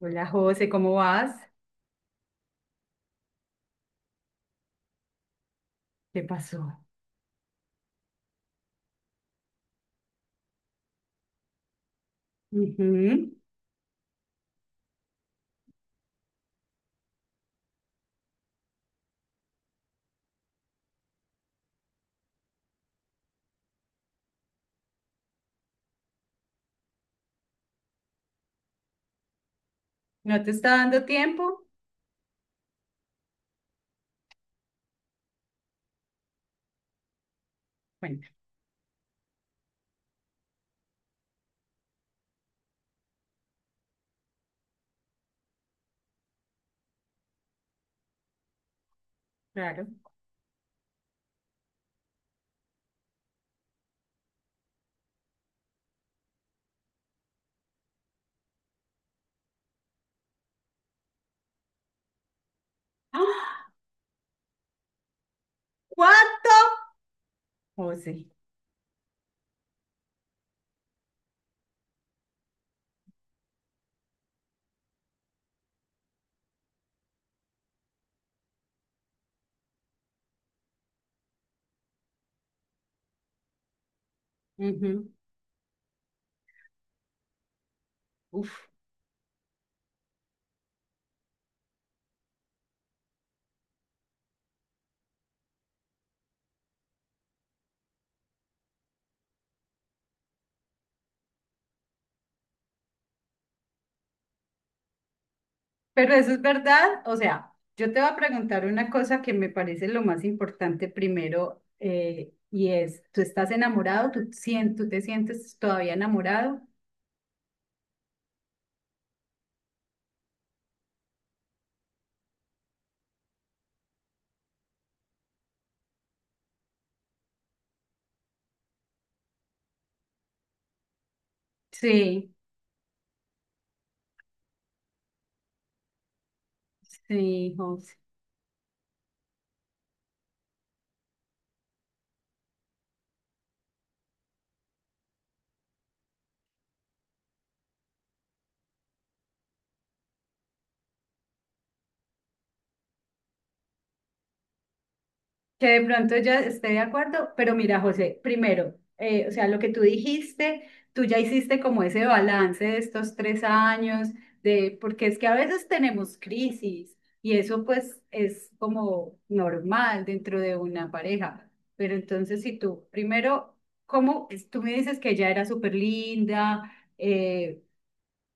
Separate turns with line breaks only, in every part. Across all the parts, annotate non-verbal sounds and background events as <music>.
Hola José, ¿cómo vas? ¿Qué pasó? Ujú. ¿No te está dando tiempo? Bueno, claro. ¡Ah! ¿Cuánto? José. Ujú. Uf. Pero eso es verdad. O sea, yo te voy a preguntar una cosa que me parece lo más importante primero y es, ¿tú estás enamorado? ¿Tú te sientes todavía enamorado? Sí, sí, José. Que de pronto ya esté de acuerdo, pero mira, José, primero, o sea, lo que tú dijiste, tú ya hiciste como ese balance de estos 3 años, porque es que a veces tenemos crisis y eso pues es como normal dentro de una pareja, pero entonces si tú, primero, ¿cómo? Tú me dices que ella era súper linda,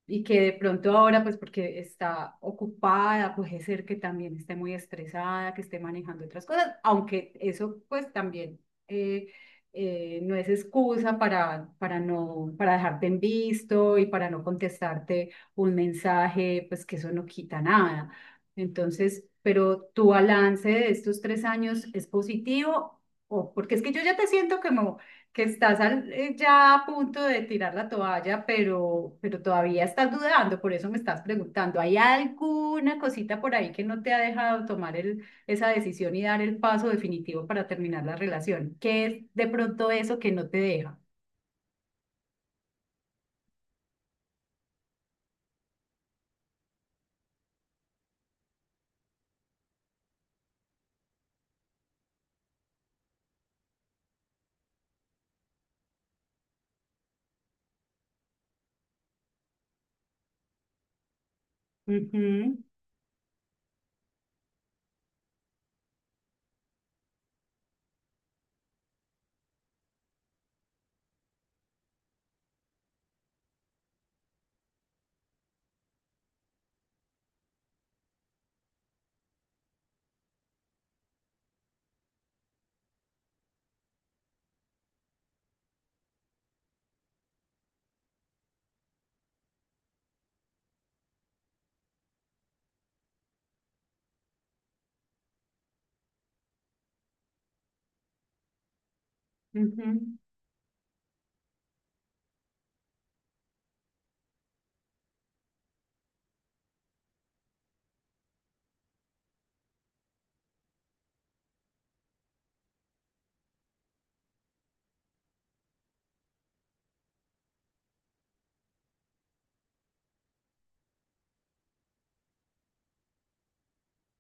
y que de pronto ahora, pues porque está ocupada, puede ser que también esté muy estresada, que esté manejando otras cosas, aunque eso pues también, eh, no es excusa para no, para dejarte en visto y para no contestarte un mensaje, pues que eso no quita nada. Entonces, pero tu balance de estos tres años es positivo. O, porque es que yo ya te siento como que estás ya a punto de tirar la toalla, pero todavía estás dudando, por eso me estás preguntando, ¿hay alguna cosita por ahí que no te ha dejado tomar esa decisión y dar el paso definitivo para terminar la relación? ¿Qué es de pronto eso que no te deja? Ujú, ujú.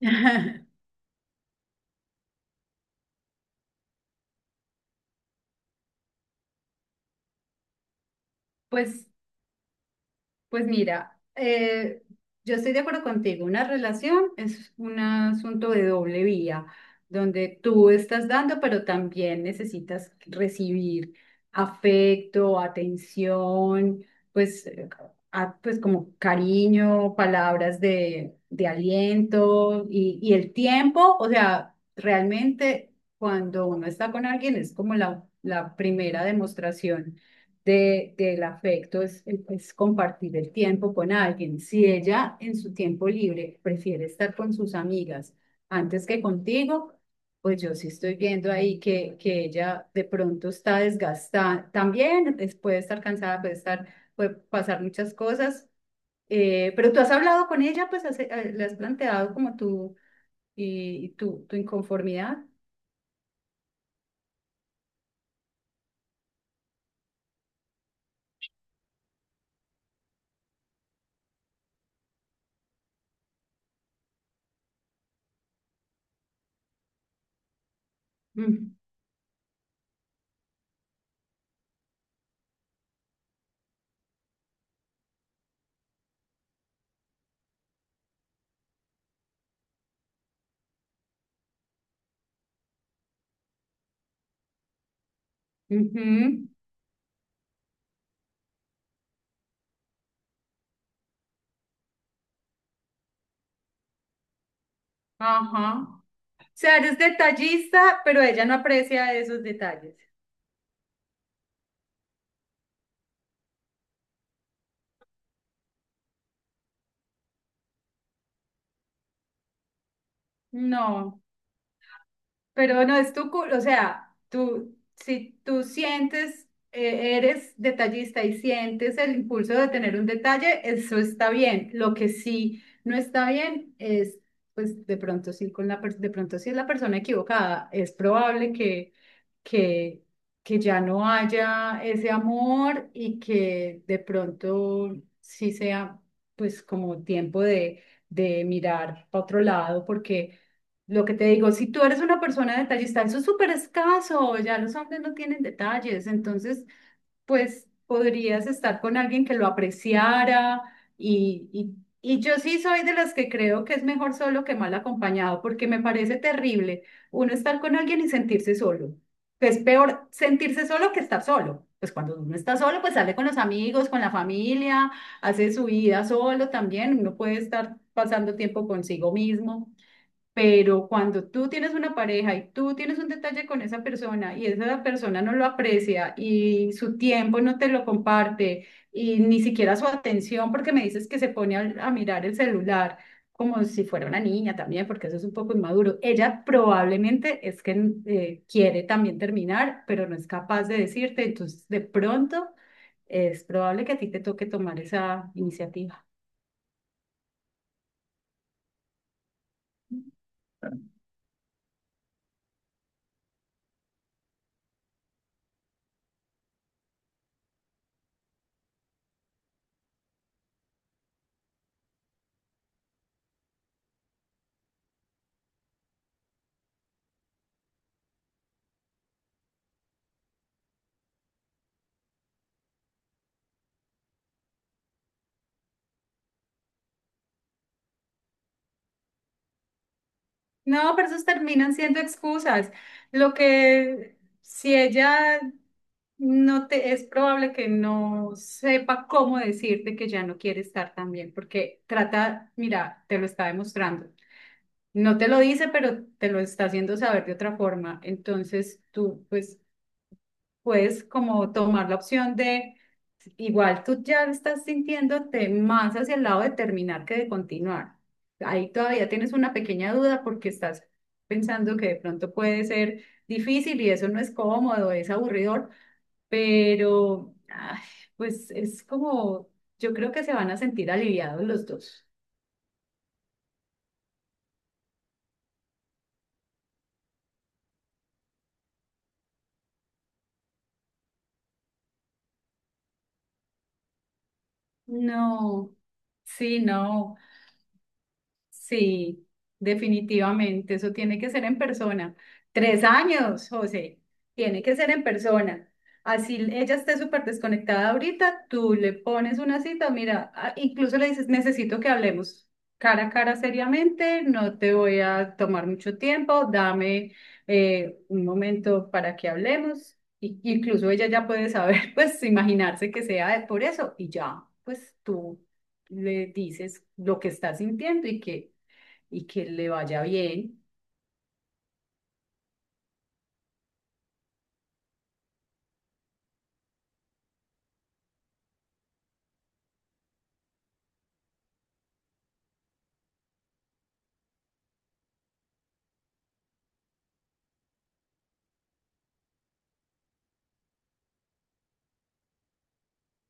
<laughs> Pues Pues mira, yo estoy de acuerdo contigo, una relación es un asunto de doble vía, donde tú estás dando, pero también necesitas recibir afecto, atención, pues, pues como cariño, palabras de aliento y el tiempo, o sea, realmente cuando uno está con alguien es como la primera demostración del afecto es compartir el tiempo con alguien. Si ella en su tiempo libre prefiere estar con sus amigas antes que contigo, pues yo sí estoy viendo ahí que ella de pronto está desgastada. También puede estar cansada, puede pasar muchas cosas. Pero tú has hablado con ella, pues le has planteado como tú y tu inconformidad. Mm, ujú. Ajá. Sea, eres detallista, pero ella no aprecia esos detalles. No, pero no es tu o sea, tú, si tú sientes, eres detallista y sientes el impulso de tener un detalle, eso está bien. Lo que sí no está bien es, pues de pronto sí, de pronto sí es la persona equivocada. Es probable que, que ya no haya ese amor y que de pronto sí sea, pues como tiempo de mirar para otro lado, porque... Lo que te digo, si tú eres una persona detallista, eso es súper escaso, ya los hombres no tienen detalles, entonces pues podrías estar con alguien que lo apreciara y, y, y yo sí soy de las que creo que es mejor solo que mal acompañado, porque me parece terrible uno estar con alguien y sentirse solo, que es peor sentirse solo que estar solo. Pues cuando uno está solo, pues sale con los amigos, con la familia, hace su vida solo también, uno puede estar pasando tiempo consigo mismo. Pero cuando tú tienes una pareja y tú tienes un detalle con esa persona y esa persona no lo aprecia y su tiempo no te lo comparte y ni siquiera su atención, porque me dices que se pone a mirar el celular como si fuera una niña también, porque eso es un poco inmaduro. Ella probablemente es que quiere también terminar, pero no es capaz de decirte, entonces de pronto es probable que a ti te toque tomar esa iniciativa. No, pero esos terminan siendo excusas. Lo que si ella no te es probable que no sepa cómo decirte que ya no quiere estar también, porque trata, mira, te lo está demostrando. No te lo dice, pero te lo está haciendo saber de otra forma. Entonces tú, pues, puedes como tomar la opción de, igual tú ya estás sintiéndote más hacia el lado de terminar que de continuar. Ahí todavía tienes una pequeña duda porque estás pensando que de pronto puede ser difícil y eso no es cómodo, es aburridor, pero ay, pues es como, yo creo que se van a sentir aliviados los dos. No, sí, no. Sí, definitivamente, eso tiene que ser en persona. 3 años, José, tiene que ser en persona. Así ella esté súper desconectada ahorita, tú le pones una cita, mira, incluso le dices, necesito que hablemos cara a cara seriamente, no te voy a tomar mucho tiempo, dame un momento para que hablemos. Y, incluso ella ya puede saber, <laughs> pues imaginarse que sea por eso y ya, pues tú le dices lo que estás sintiendo y que le vaya bien.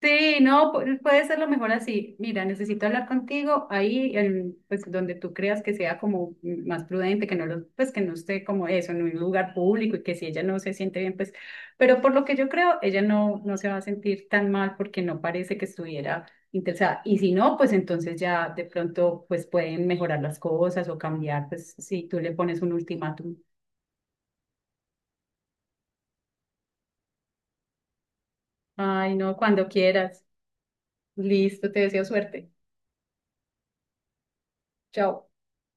Sí, no, puede ser lo mejor así. Mira, necesito hablar contigo ahí, pues donde tú creas que sea como más prudente, que no lo, pues que no esté como eso, en un lugar público y que si ella no se siente bien, pues, pero por lo que yo creo, ella no se va a sentir tan mal porque no parece que estuviera interesada. Y si no, pues entonces ya de pronto, pues pueden mejorar las cosas o cambiar, pues si tú le pones un ultimátum. Ay, no, cuando quieras. Listo, te deseo suerte. Chao.